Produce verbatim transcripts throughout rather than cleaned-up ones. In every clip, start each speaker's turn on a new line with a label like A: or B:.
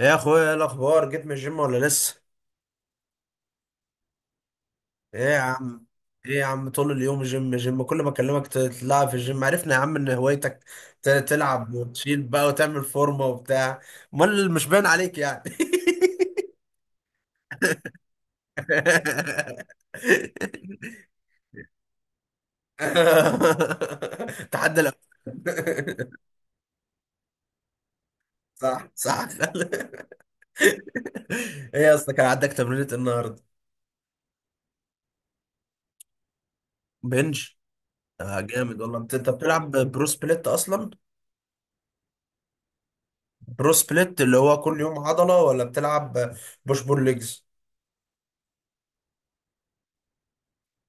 A: ايه يا اخويا، ايه الاخبار، جيت من الجيم ولا لسه؟ ايه يا عم. ايه يا عم، طول اليوم جيم جيم، كل ما اكلمك ت- تلعب في الجيم، عرفنا يا عم ان هوايتك ت- تلعب وتشيل بقى وتعمل فورمه وبتاع. امال مش باين عليك يعني. تحدى الأول. صح صح. ايه يا اسطى، كان عندك تمرينة النهارده؟ بنج. آه جامد والله، انت أنت بتلعب برو سبليت اصلا. برو سبليت اللي هو كل يوم عضلة، ولا بتلعب بوش بول ليجز؟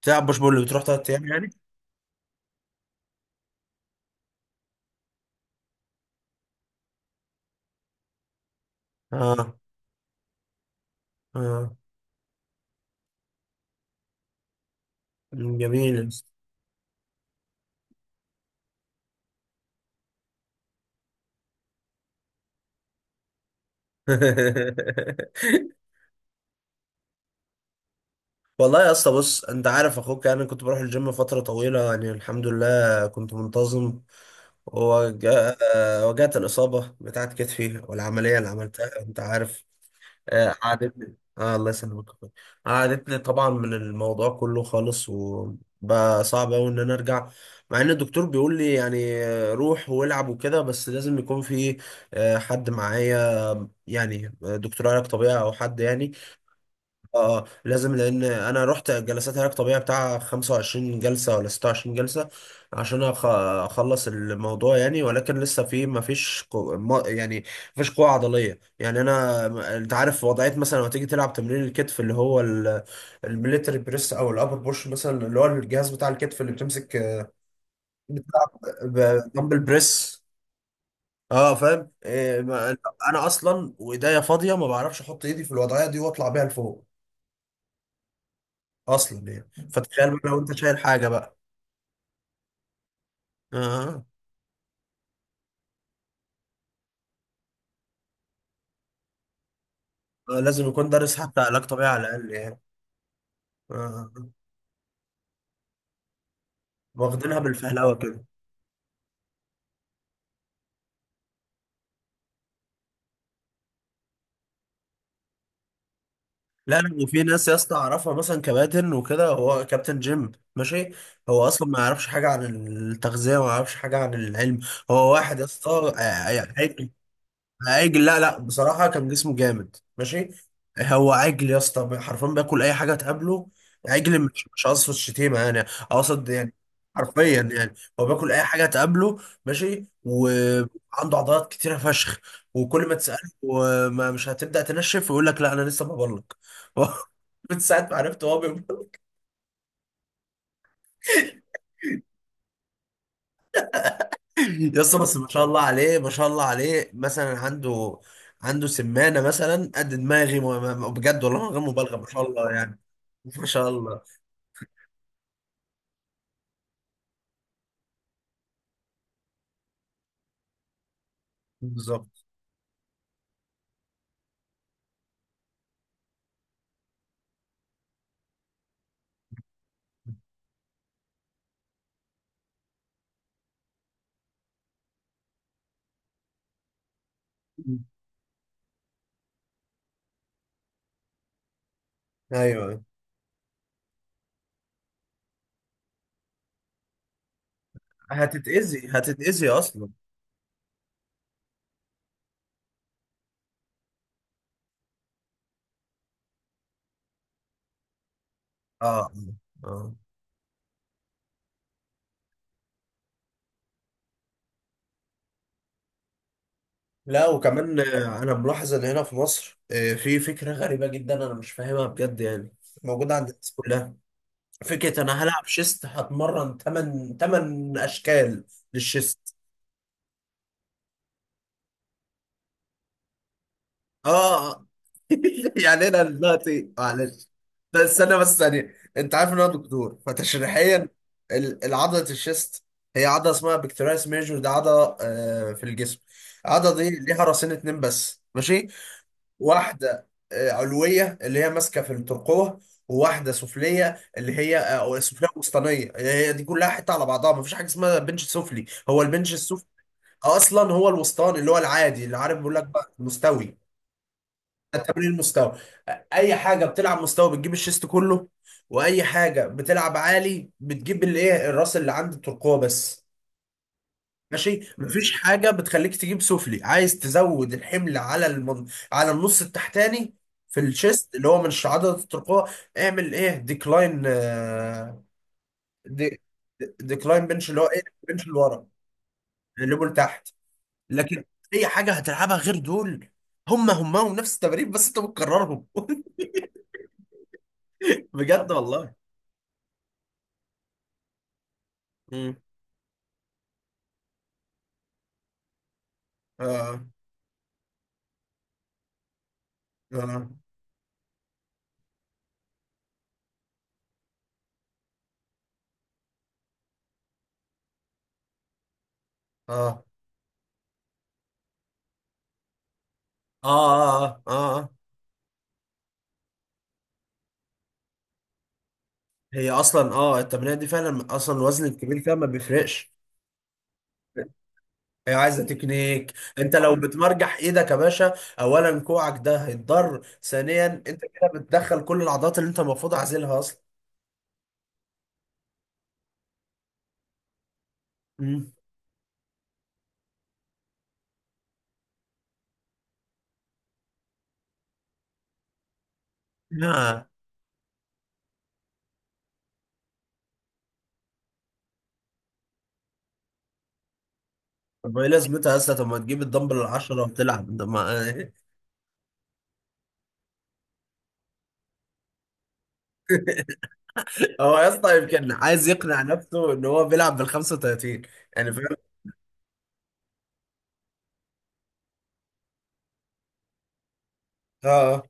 A: بتلعب بوش بول، بتروح تلات أيام يعني. اه اه. مم، جميل. يا اسطى. والله يا اسطى بص، انت عارف اخوك يعني، انا كنت بروح الجيم فترة طويلة يعني، الحمد لله كنت منتظم، وجاء وجات الإصابة بتاعت كتفي والعملية اللي عملتها، انت عارف. آه، قعدتني آه، الله يسلمك يا أخوي. قعدتني طبعا من الموضوع كله خالص، وبقى صعب أوي إن أنا أرجع، مع إن الدكتور بيقول لي يعني آه، روح والعب وكده، بس لازم يكون في آه، حد معايا آه، يعني آه، دكتور علاج طبيعي أو حد يعني. اه لازم، لان انا رحت جلسات علاج طبيعي بتاع خمسة وعشرين جلسه ولا ستة وعشرين جلسه عشان أخ- اخلص الموضوع يعني، ولكن لسه في، ما فيش قو... ما يعني ما فيش قوه عضليه يعني. انا، انت عارف وضعيه مثلا لما تيجي تلعب تمرين الكتف اللي هو ال- الميليتري بريس او الابر بوش مثلا، اللي هو الجهاز بتاع الكتف اللي بتمسك بتلعب دمبل بريس، اه، فاهم إيه ما... انا اصلا وايديا فاضيه ما بعرفش احط ايدي في الوضعيه دي واطلع بيها لفوق اصلا يعني، فتخيل بقى لو انت شايل حاجه بقى. آه. آه. لازم يكون دارس حتى علاج طبيعي على الاقل يعني. آه. واخدينها بالفهلوه كده. لا لا، وفي ناس يا اسطى اعرفها مثلا، كباتن وكده، هو كابتن جيم ماشي، هو اصلا ما يعرفش حاجه عن التغذيه وما يعرفش حاجه عن العلم. هو واحد يا اسطى آه، آه، يعني، عجل. لا لا، بصراحة كان جسمه جامد ماشي. هو عجل يا اسطى، حرفيا بياكل أي حاجة تقابله. عجل مش مش قصد الشتيمة يعني، أقصد يعني حرفيا يعني. هو بياكل أي حاجة تقابله ماشي، وعنده عضلات كتيرة فشخ. وكل ما تسأله، وما مش هتبدأ تنشف، يقول لك لا، أنا لسه ببلك. من ساعة ما عرفت هو بيبلك. يا اسطى، بس ما شاء الله عليه ما شاء الله عليه، مثلا عنده عنده سمانة مثلا قد دماغي، ما- ما- ما- بجد والله، من غير مبالغة ما شاء الله يعني. ما شاء الله. بالظبط. ايوه. هتتأذي هتتأذي اصلا. اه اه. لا، وكمان آه، انا ملاحظ ان هنا في مصر آه، في فكره غريبه جدا، انا مش فاهمها بجد يعني، موجوده عند الناس كلها. فكره انا هلعب شيست هتمرن ثمانية ثمانية اشكال للشيست. اه. يعني انا دلوقتي معلش، ده استنى بس ثانيه، انت عارف ان انا دكتور، فتشريحيا ال- العضله الشيست هي عضله اسمها بكتيريس ميجور، ده عضله آه في الجسم. العضله دي ليها راسين اتنين بس ماشي، واحده آه علويه اللي هي ماسكه في الترقوه، وواحده سفليه اللي هي، آه، أو سفليه وسطانيه، هي دي كلها حته على بعضها، مفيش حاجه اسمها بنش سفلي، هو البنش السفلي اصلا هو الوسطاني اللي هو العادي اللي عارف بيقول لك بقى مستوي. ده التمرين المستوى، اي حاجه بتلعب مستوى بتجيب الشيست كله، واي حاجه بتلعب عالي بتجيب الايه، الراس اللي عند الترقوه بس ماشي. مفيش حاجه بتخليك تجيب سفلي. عايز تزود الحمل على المن... على النص التحتاني في الشيست اللي هو من عضله الترقوه، اعمل ايه؟ ديكلاين آه، دي... دي- ديكلاين بنش اللي هو ايه، بنش لورا، الليفل لتحت. لكن اي حاجه هتلعبها غير دول، هم هم ونفس التمارين، بس انت بتكررهم. بجد والله. مم. اه اه اه اه اه اه. آه. هي اصلا اه التمرين دي فعلا، اصلا الوزن الكبير فيها ما بيفرقش. هي عايزه تكنيك. انت لو بتمرجح ايدك يا باشا، اولا كوعك ده هيتضر، ثانيا انت كده بتدخل كل العضلات اللي انت المفروض عازلها اصلا. مم. لا. طب ايه لازمتها يا اسطى؟ طب ما تجيب الدمبل العشرة وتلعب ده ما. هو يا اسطى يمكن عايز يقنع نفسه ان هو بيلعب بال خمسة وثلاثين، يعني فاهم. اه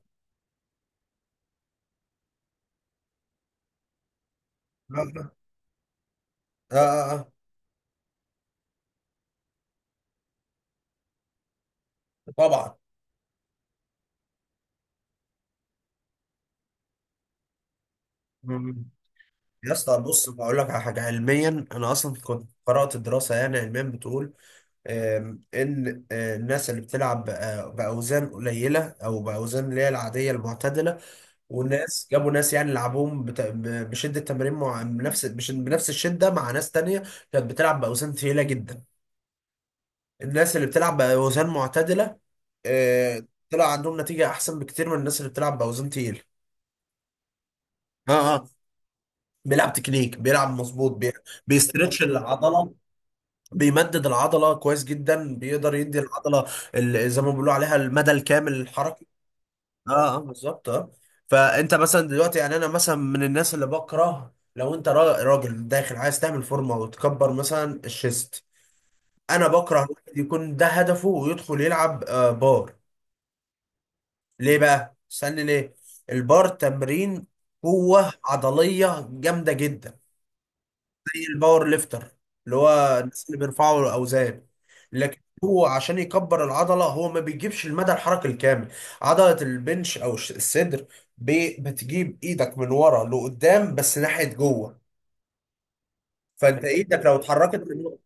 A: اه اه اه. آه. آه. طبعا. مم. يا اسطى بص، بقول لك على حاجه، علميا انا اصلا كنت قرات الدراسه، يعني علميا بتقول آم، ان آه، الناس اللي بتلعب بأ- باوزان قليله او باوزان اللي هي العاديه المعتدله، والناس جابوا ناس يعني لعبوهم بت- ب- بشده تمارين، مع بنفس بش- بنفس الشده مع ناس تانية كانت بتلعب باوزان ثقيله جدا. الناس اللي بتلعب باوزان معتدله، آه، طلع عندهم نتيجه احسن بكتير من الناس اللي بتلعب باوزان تقيله. اه اه. بيلعب تكنيك، بيلعب مظبوط، بي- بيسترتش العضله، بيمدد العضله كويس جدا، بيقدر يدي العضله ال- زي ما بيقولوا عليها المدى الكامل الحركي. اه اه بالظبط اه. فانت مثلا دلوقتي يعني، انا مثلا من الناس اللي بكره لو انت را- راجل داخل عايز تعمل فورمه وتكبر مثلا الشيست، انا بكره واحد يكون ده هدفه ويدخل يلعب آه بار. ليه بقى؟ استني ليه؟ البار تمرين قوه عضليه جامده جدا، زي الباور ليفتر اللي هو الناس اللي بيرفعوا الاوزان، لكن هو عشان يكبر العضله هو ما بيجيبش المدى الحركي الكامل. عضله البنش او الش- الصدر، بي- بتجيب ايدك من ورا لقدام بس ناحيه جوه، فانت ايدك لو اتحركت من ورا.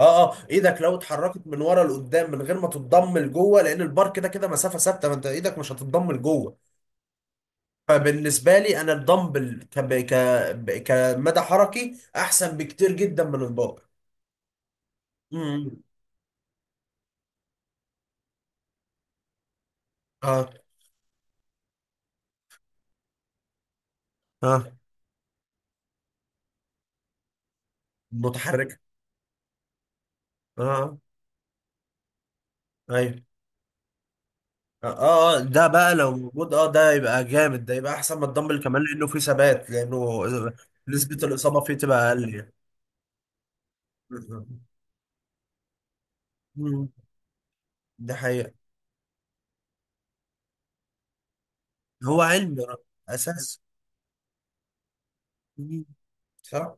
A: اه اه. ايدك لو اتحركت من ورا لقدام من غير ما تتضم لجوه، لان البار كده كده مسافه ثابته، فانت ايدك مش هتتضم لجوه. فبالنسبه لي انا الدمبل، ك ك كمدى حركي احسن بكتير جدا من البار. امم اه اه. متحركة. اه ايوه اه. آه، ده بقى لو موجود، اه ده يبقى جامد، ده يبقى احسن من الدمبل كمان لانه فيه ثبات، لانه نسبة الاصابة فيه تبقى اقل يعني. مم. ده حقيقة. هو علم يا رب. اساس. مم. صح.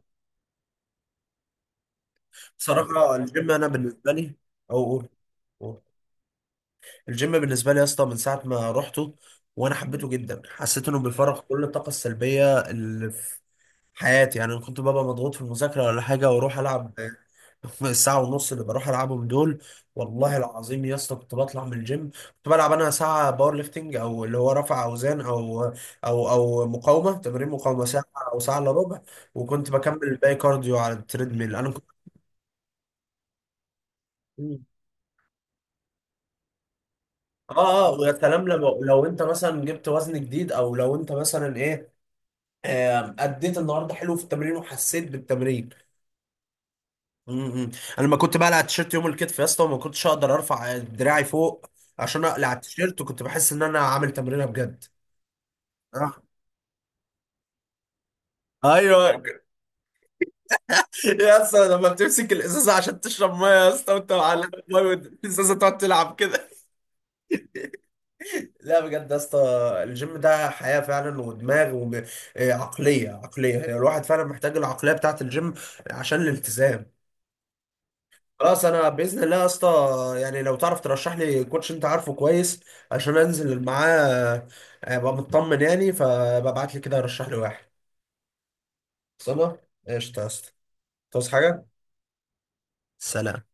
A: بصراحة الجيم انا بالنسبة لي، او أو- أو. الجيم بالنسبة لي يا اسطى، من ساعة ما رحته وانا حبيته جدا، حسيت انه بيفرغ كل الطاقة السلبية اللي حياتي يعني. أنا كنت ببقى مضغوط في المذاكرة ولا حاجة، واروح العب. الساعة ونص اللي بروح العبهم دول، والله العظيم يا اسطى كنت بطلع من الجيم، كنت بلعب انا ساعة باور ليفتنج، او اللي هو رفع اوزان، او او او مقاومة، تمارين مقاومة ساعة او ساعة الا ربع، وكنت بكمل الباقي كارديو على التريدميل، انا كنت. مم. اه اه، ويا سلام لو لو انت مثلا جبت وزن جديد، او لو انت مثلا ايه، آه، اديت النهارده حلو في التمرين وحسيت بالتمرين. امم انا لما كنت بقلع التيشيرت يوم الكتف يا اسطى وما كنتش اقدر ارفع دراعي فوق عشان اقلع التيشيرت، وكنت بحس ان انا عامل تمرينه بجد. آه. ايوه. يا اسطى لما بتمسك الازازه عشان تشرب ميه يا اسطى، وانت معلق ميه والازازه تقعد تلعب كده. لا بجد يا اسطى، الجيم ده حياه فعلا، ودماغ وعقليه عقليه عقلية. هي الواحد فعلا محتاج العقليه بتاعت الجيم عشان الالتزام. خلاص، انا باذن الله يا اسطى، يعني لو تعرف ترشح لي كوتش انت عارفه كويس عشان انزل معاه آه، ابقى مطمن يعني، فببعت لي كده رشح لي واحد. خلصانه. قشطه يا اسطى. تصحى حاجه. سلام.